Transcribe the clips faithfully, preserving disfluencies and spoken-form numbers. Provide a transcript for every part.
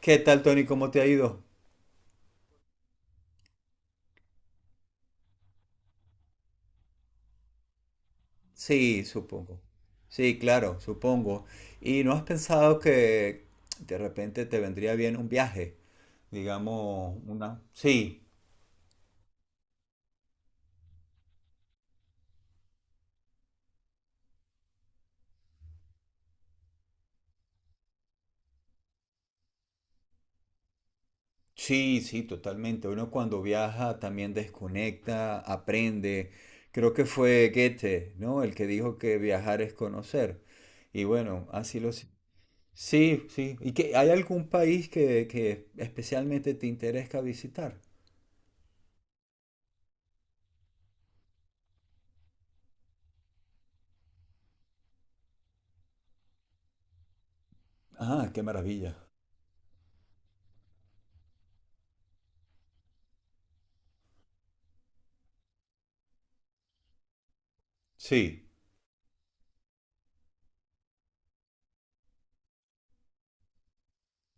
¿Qué tal, Tony? ¿Cómo te ha ido? Sí, supongo. Sí, claro, supongo. ¿Y no has pensado que de repente te vendría bien un viaje? Digamos, una... Sí, sí, sí, totalmente. Uno cuando viaja también desconecta, aprende. Creo que fue Goethe, ¿no? El que dijo que viajar es conocer. Y bueno, así lo... si- Sí, sí. ¿Y que hay algún país que, que especialmente te interesa visitar? Ah, qué maravilla. Sí.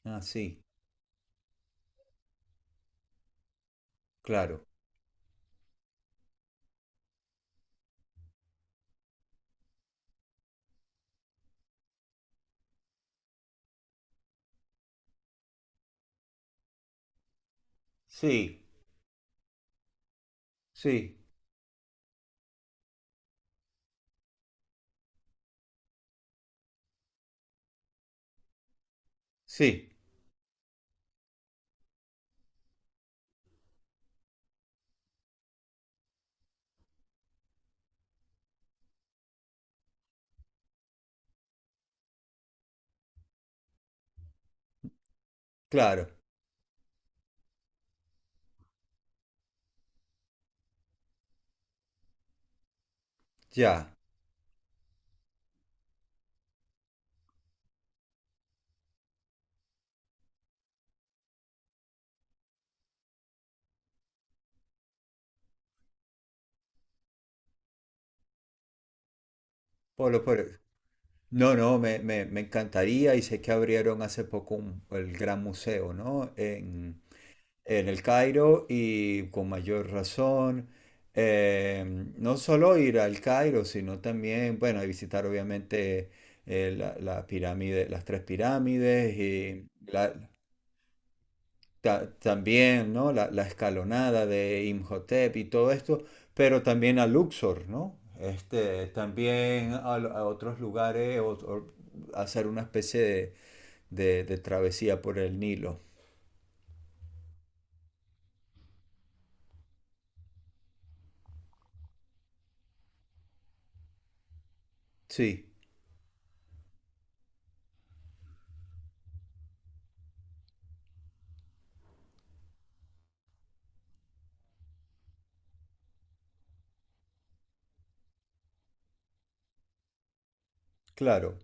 Ah, sí, claro. Sí, sí, sí, claro. Ya. Polo, Polo. No, no, me, me, me encantaría y sé que abrieron hace poco un- el gran museo, ¿no? En, en el Cairo y con mayor razón. eh, no solo ir al Cairo, sino también, bueno, y visitar obviamente eh, la, la pirámide, las tres pirámides y la, ta- también, ¿no? La, la escalonada de Imhotep y todo esto, pero también a Luxor, ¿no? Este, también a, a otros lugares, o- o hacer una especie de, de- de travesía por el Nilo. Sí, claro.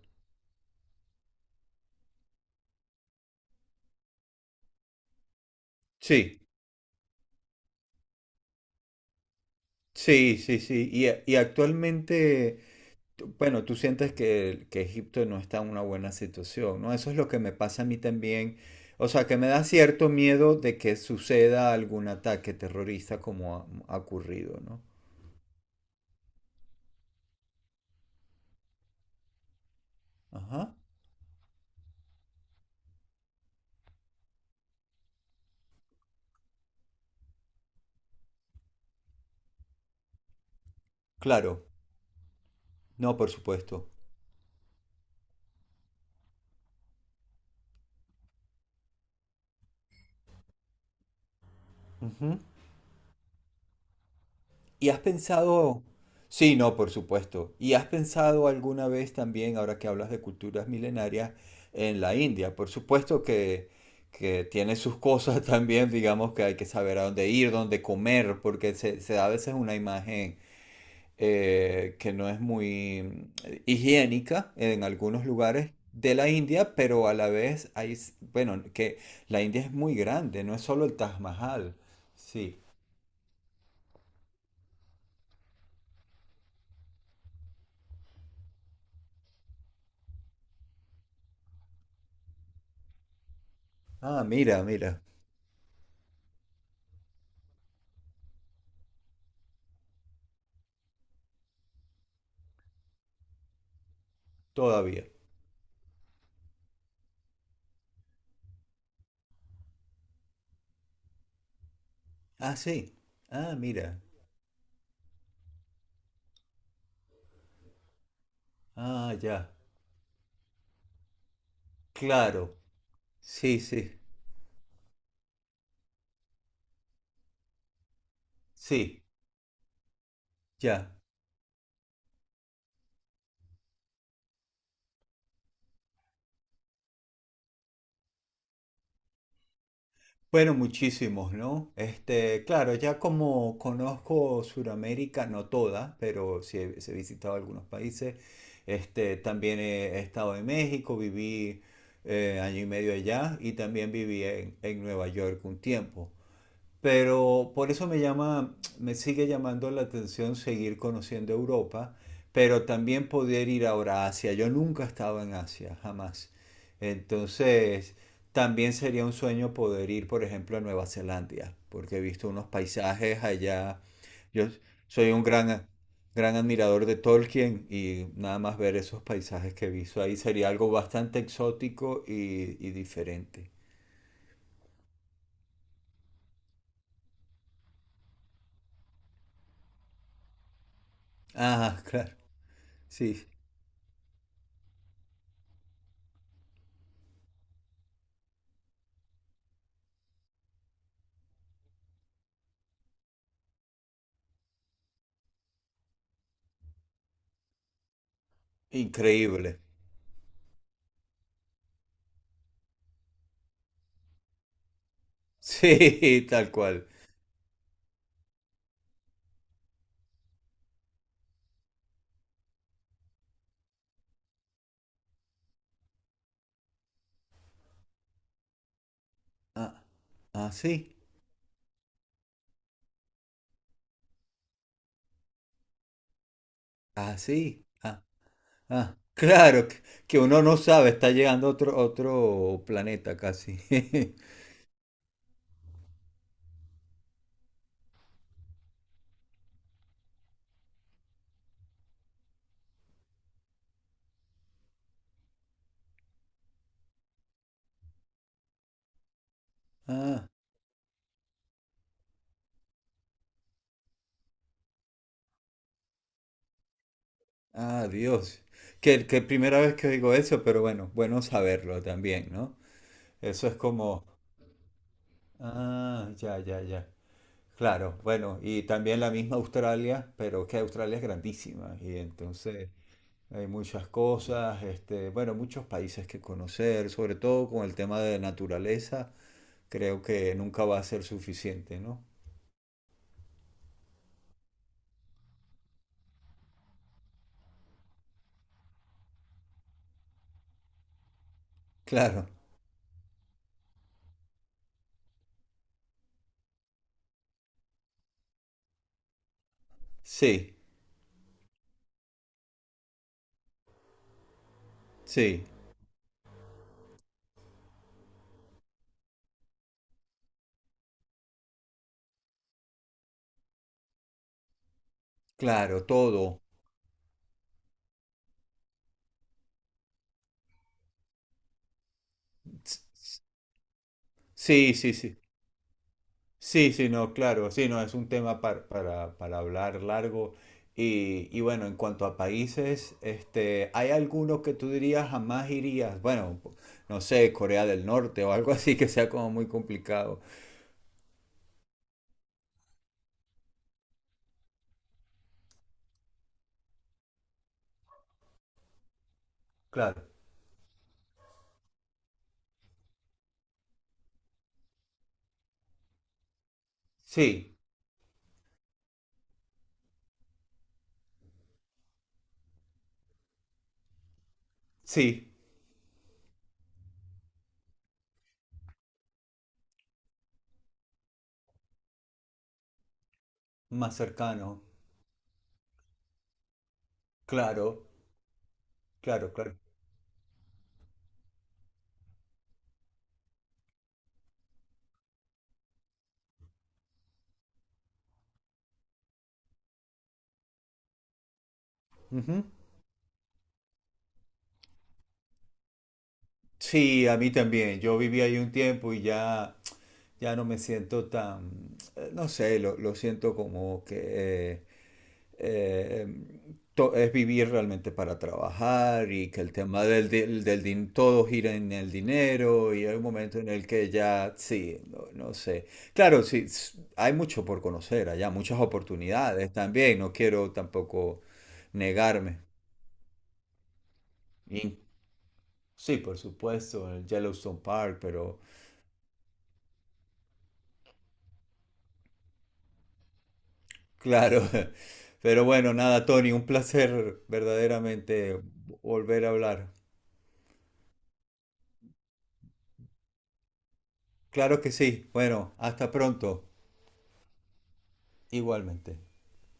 Sí, sí, sí, sí. Y, y actualmente tú- bueno, tú sientes que, que Egipto no está en una buena situación, ¿no? Eso es lo que me pasa a mí también. O sea, que me da cierto miedo de que suceda algún ataque terrorista como ha, ha ocurrido, ¿no? Ajá. Claro. No, por supuesto. Ujú. ¿Y has pensado, sí, no, por supuesto, ¿y has pensado alguna vez también, ahora que hablas de culturas milenarias, en la India? Por supuesto que, que tiene sus cosas también, digamos que hay que saber a dónde ir, dónde comer, porque se, se da a veces una imagen eh, que no es muy eh, higiénica en algunos lugares de la India, pero a la vez hay, s- bueno, que la India es muy grande, no es solo el Taj Mahal. Sí. Ah, mira, mira, todavía. Ah, sí. Ah, mira. Ah, ya. Claro. Sí, sí. Sí, ya. Bueno, muchísimos, ¿no? Este, claro, ya como conozco Sudamérica, no toda, pero sí he, sí he visitado algunos países. Este, también he, he estado en México, viví eh, año y medio allá y también viví en, en Nueva York un tiempo. Pero por eso me llama, me sigue llamando la atención seguir conociendo Europa, pero también poder ir ahora a Asia. Yo nunca he estado en Asia, jamás. Entonces, también sería un sueño poder ir, por ejemplo, a Nueva Zelanda, porque he visto unos paisajes allá. Yo soy un gran, gran admirador de Tolkien y nada más ver esos paisajes que he visto ahí sería algo bastante exótico y, y diferente. Ah, claro, sí, increíble. Sí, tal cual. Ah, así, así. Ah, sí, ah. Ah. Claro, que, que uno no sabe, está llegando otro, otro planeta casi. Ah, ah, Dios. Que, que primera vez que digo eso, pero bueno, bueno saberlo también, ¿no? Eso es como, ah, ya, ya, ya. Claro, bueno, y también la misma Australia, pero que Australia es grandísima, y entonces... Hay muchas cosas, este, bueno, muchos países que conocer, sobre todo con el tema de naturaleza, creo que nunca va a ser suficiente, ¿no? Claro, sí, sí, claro, todo. S- Sí, sí, sí. Sí, sí, no, claro, sí, no, es un tema par- para, para hablar largo. Y, y bueno, en cuanto a países, este, ¿hay alguno que tú dirías jamás irías? Bueno, no sé, Corea del Norte o algo así que sea como muy complicado. Claro. Sí, sí, más cercano. Claro, claro, claro. Ujú. Sí, a mí también. Yo viví ahí un tiempo y ya, ya no me siento tan, eh, no sé, lo, lo siento como que eh, eh, to- es vivir realmente para trabajar y que el tema del, del, del din- todo gira en el dinero y hay un momento en el que ya, sí, no, no sé. Claro, sí, s- hay mucho por conocer allá, muchas oportunidades también. No quiero tampoco negarme. In- Sí, por supuesto, el Yellowstone Park, pero claro. Pero bueno, nada, Tony, un placer verdaderamente volver a hablar. Claro que sí. Bueno, hasta pronto. Igualmente.